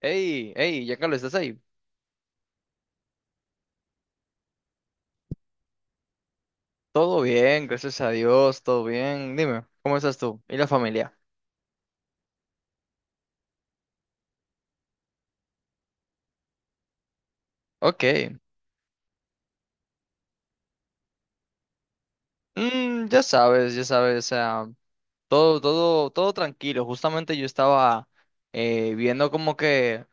Hey, hey, ya Carlos, ¿estás ahí? Todo bien, gracias a Dios, todo bien. Dime, ¿cómo estás tú? ¿Y la familia? Ok. Mm, ya sabes, o sea, todo tranquilo. Justamente yo estaba viendo como que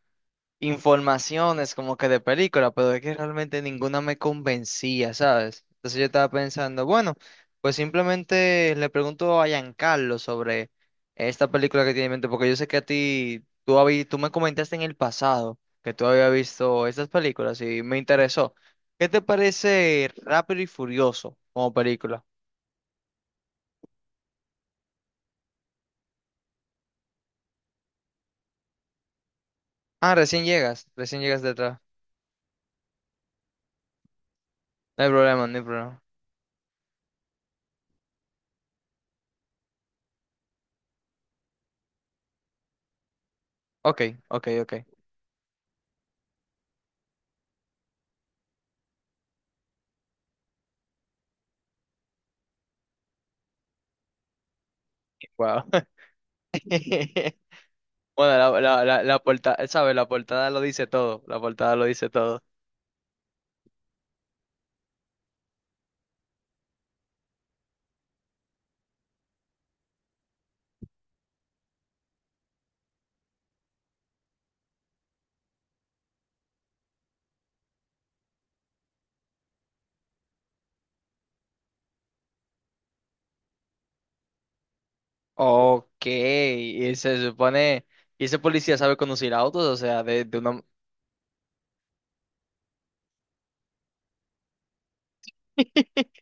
informaciones como que de película, pero es que realmente ninguna me convencía, ¿sabes? Entonces yo estaba pensando, bueno, pues simplemente le pregunto a Giancarlo sobre esta película que tiene en mente, porque yo sé que a ti, tú, tú me comentaste en el pasado que tú habías visto estas películas y me interesó. ¿Qué te parece Rápido y Furioso como película? Ah, recién llegas detrás. No hay problema, no hay problema. Ok, ok, ok. Wow. Bueno, la portada, ¿sabes? La portada lo dice todo. La portada lo dice todo. Ok, y se supone. ¿Y ese policía sabe conducir autos? O sea, de una.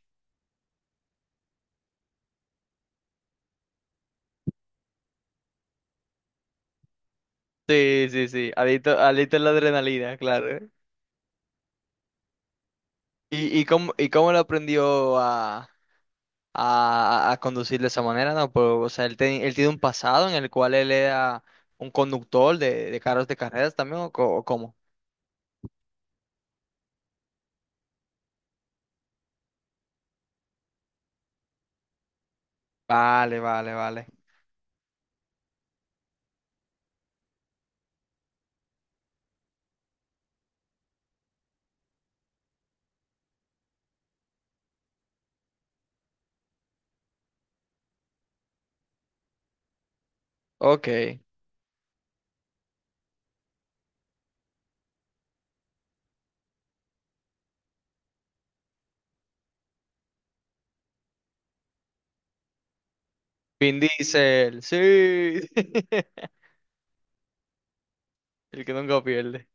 Sí, sí, sí. Adicto, adicto a la adrenalina, claro. ¿Y cómo lo aprendió a, a conducir de esa manera? No, pues, o sea, él, él tiene un pasado en el cual él era un conductor de carros de carreras también, ¿o, o cómo? Vale, vale, vale. Ok. Vin Diesel, sí. El que nunca pierde.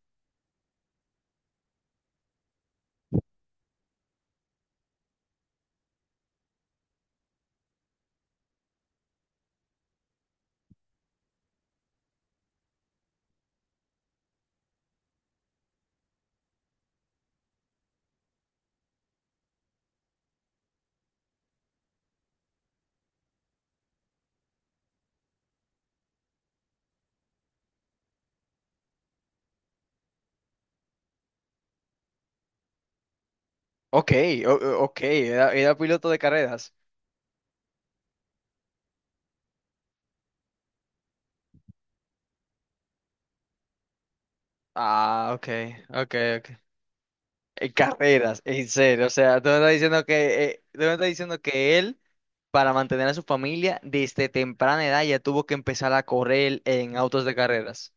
Ok, ok, era, era piloto de carreras. Ah, ok, ok, ok. En carreras, en serio. O sea, tú me estás diciendo que, tú me estás diciendo que él, para mantener a su familia, desde temprana edad ya tuvo que empezar a correr en autos de carreras.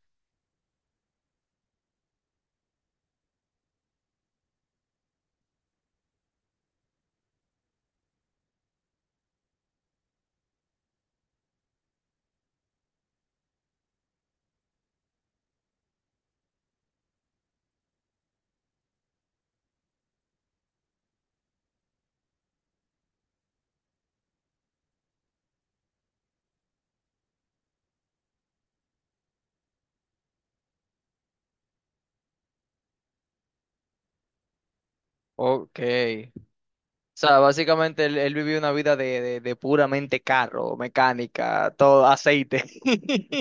Ok. O sea, básicamente él, él vivió una vida de puramente carro, mecánica, todo, aceite.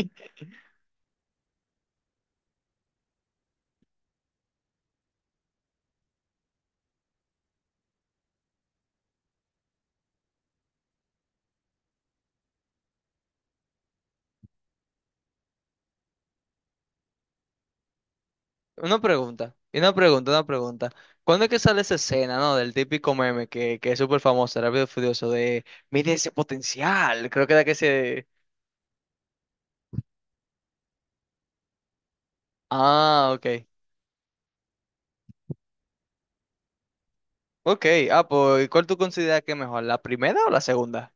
Una pregunta, y una pregunta, una pregunta. ¿Cuándo es que sale esa escena, no? Del típico meme que es súper famoso, Rápido y Furioso, de mide ese potencial. Creo que era que se. Ah, ok. Ok, ah, pues, ¿cuál tú consideras que es mejor, la primera o la segunda?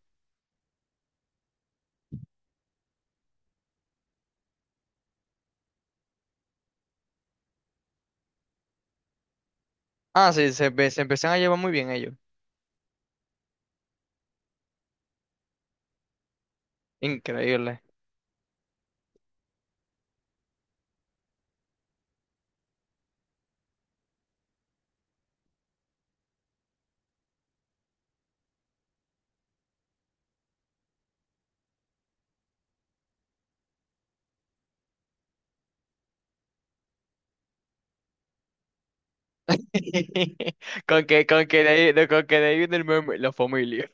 Ah, sí, se, se empiezan a llevar muy bien ellos. Increíble. Con que de ahí, con que de ahí viene el meme, la familia.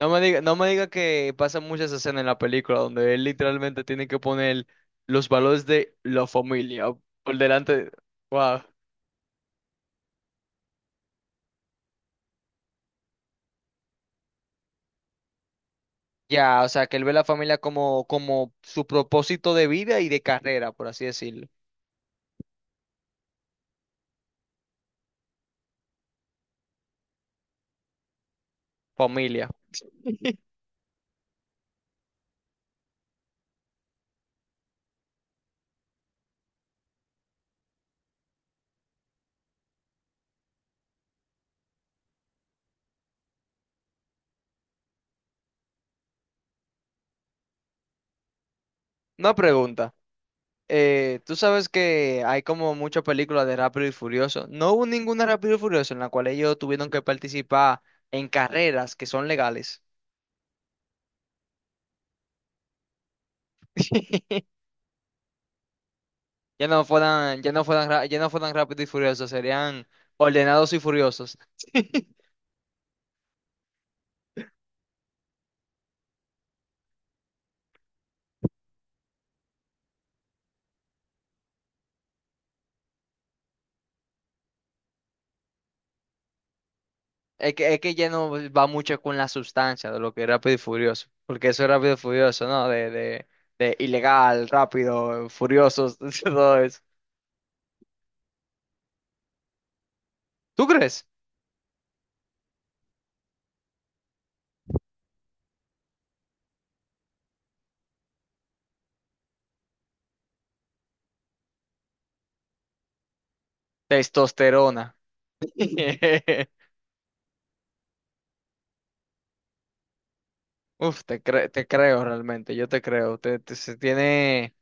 No me diga, no me diga que pasan muchas escenas en la película donde él literalmente tiene que poner los valores de la familia por delante. Wow. Ya, o sea, que él ve la familia como, como su propósito de vida y de carrera, por así decirlo. Familia. Una pregunta. Tú sabes que hay como muchas películas de Rápido y Furioso. No hubo ninguna Rápido y Furioso en la cual ellos tuvieron que participar en carreras que son legales. Ya no fueran rápidos y furiosos, serían ordenados y furiosos. Es que ya no va mucho con la sustancia de lo que es rápido y furioso, porque eso es rápido y furioso, ¿no? De ilegal, rápido, furiosos, todo eso. ¿Tú crees? Testosterona. Uf, te, te creo realmente, yo te creo. Te- se tiene...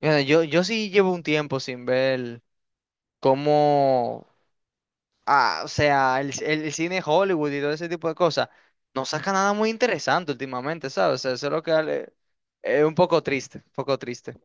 Mira, yo sí llevo un tiempo sin ver cómo. Ah, o sea, el cine Hollywood y todo ese tipo de cosas, no saca nada muy interesante últimamente, ¿sabes? O sea, eso es lo que le- es un poco triste, un poco triste.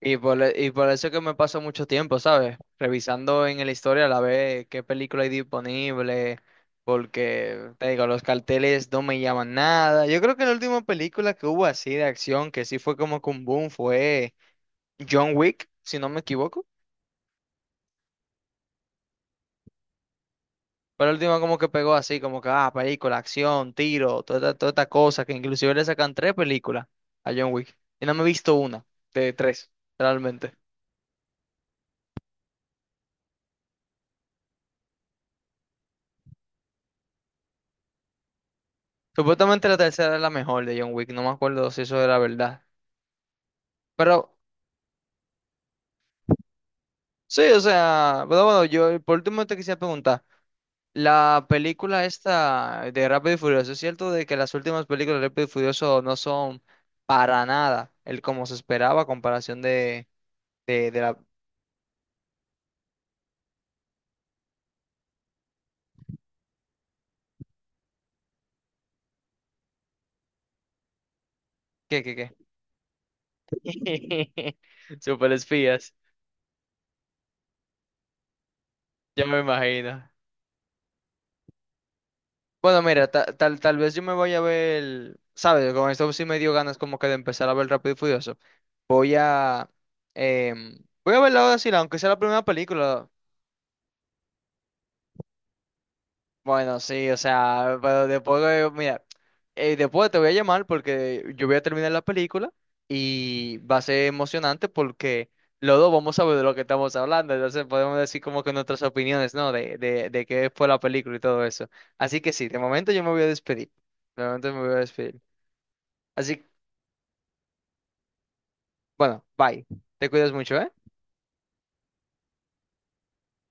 Y por, y por eso es que me paso mucho tiempo, ¿sabes? Revisando en la historia a la vez qué película hay disponible, porque, te digo, los carteles no me llaman nada. Yo creo que la última película que hubo así de acción, que sí fue como que un boom, fue John Wick, si no me equivoco. Fue la última como que pegó así, como que, ah, película, acción, tiro, toda, toda esta cosa, que inclusive le sacan tres películas a John Wick. Y no me he visto una, de tres, realmente. Supuestamente la tercera es la mejor de John Wick, no me acuerdo si eso era verdad. Pero sí, o sea, pero bueno, yo por último te quisiera preguntar, la película esta de Rápido y Furioso, ¿es cierto de que las últimas películas de Rápido y Furioso no son para nada el como se esperaba a comparación de la... ¿Qué, qué, qué? Super espías, ya me imagino. Bueno, mira, tal, tal vez yo me voy a ver, ¿sabes? Con esto sí me dio ganas como que de empezar a ver Rápido y Furioso. Voy a, em, voy a verla ahora sí, aunque sea la primera película. Bueno, sí, o sea, pero después, mira, después te voy a llamar porque yo voy a terminar la película y va a ser emocionante porque los dos vamos a ver de lo que estamos hablando, entonces podemos decir como que nuestras opiniones, ¿no? De qué fue la película y todo eso. Así que sí, de momento yo me voy a despedir. De momento me voy a despedir. Así, bueno, bye. Te cuidas mucho, ¿eh?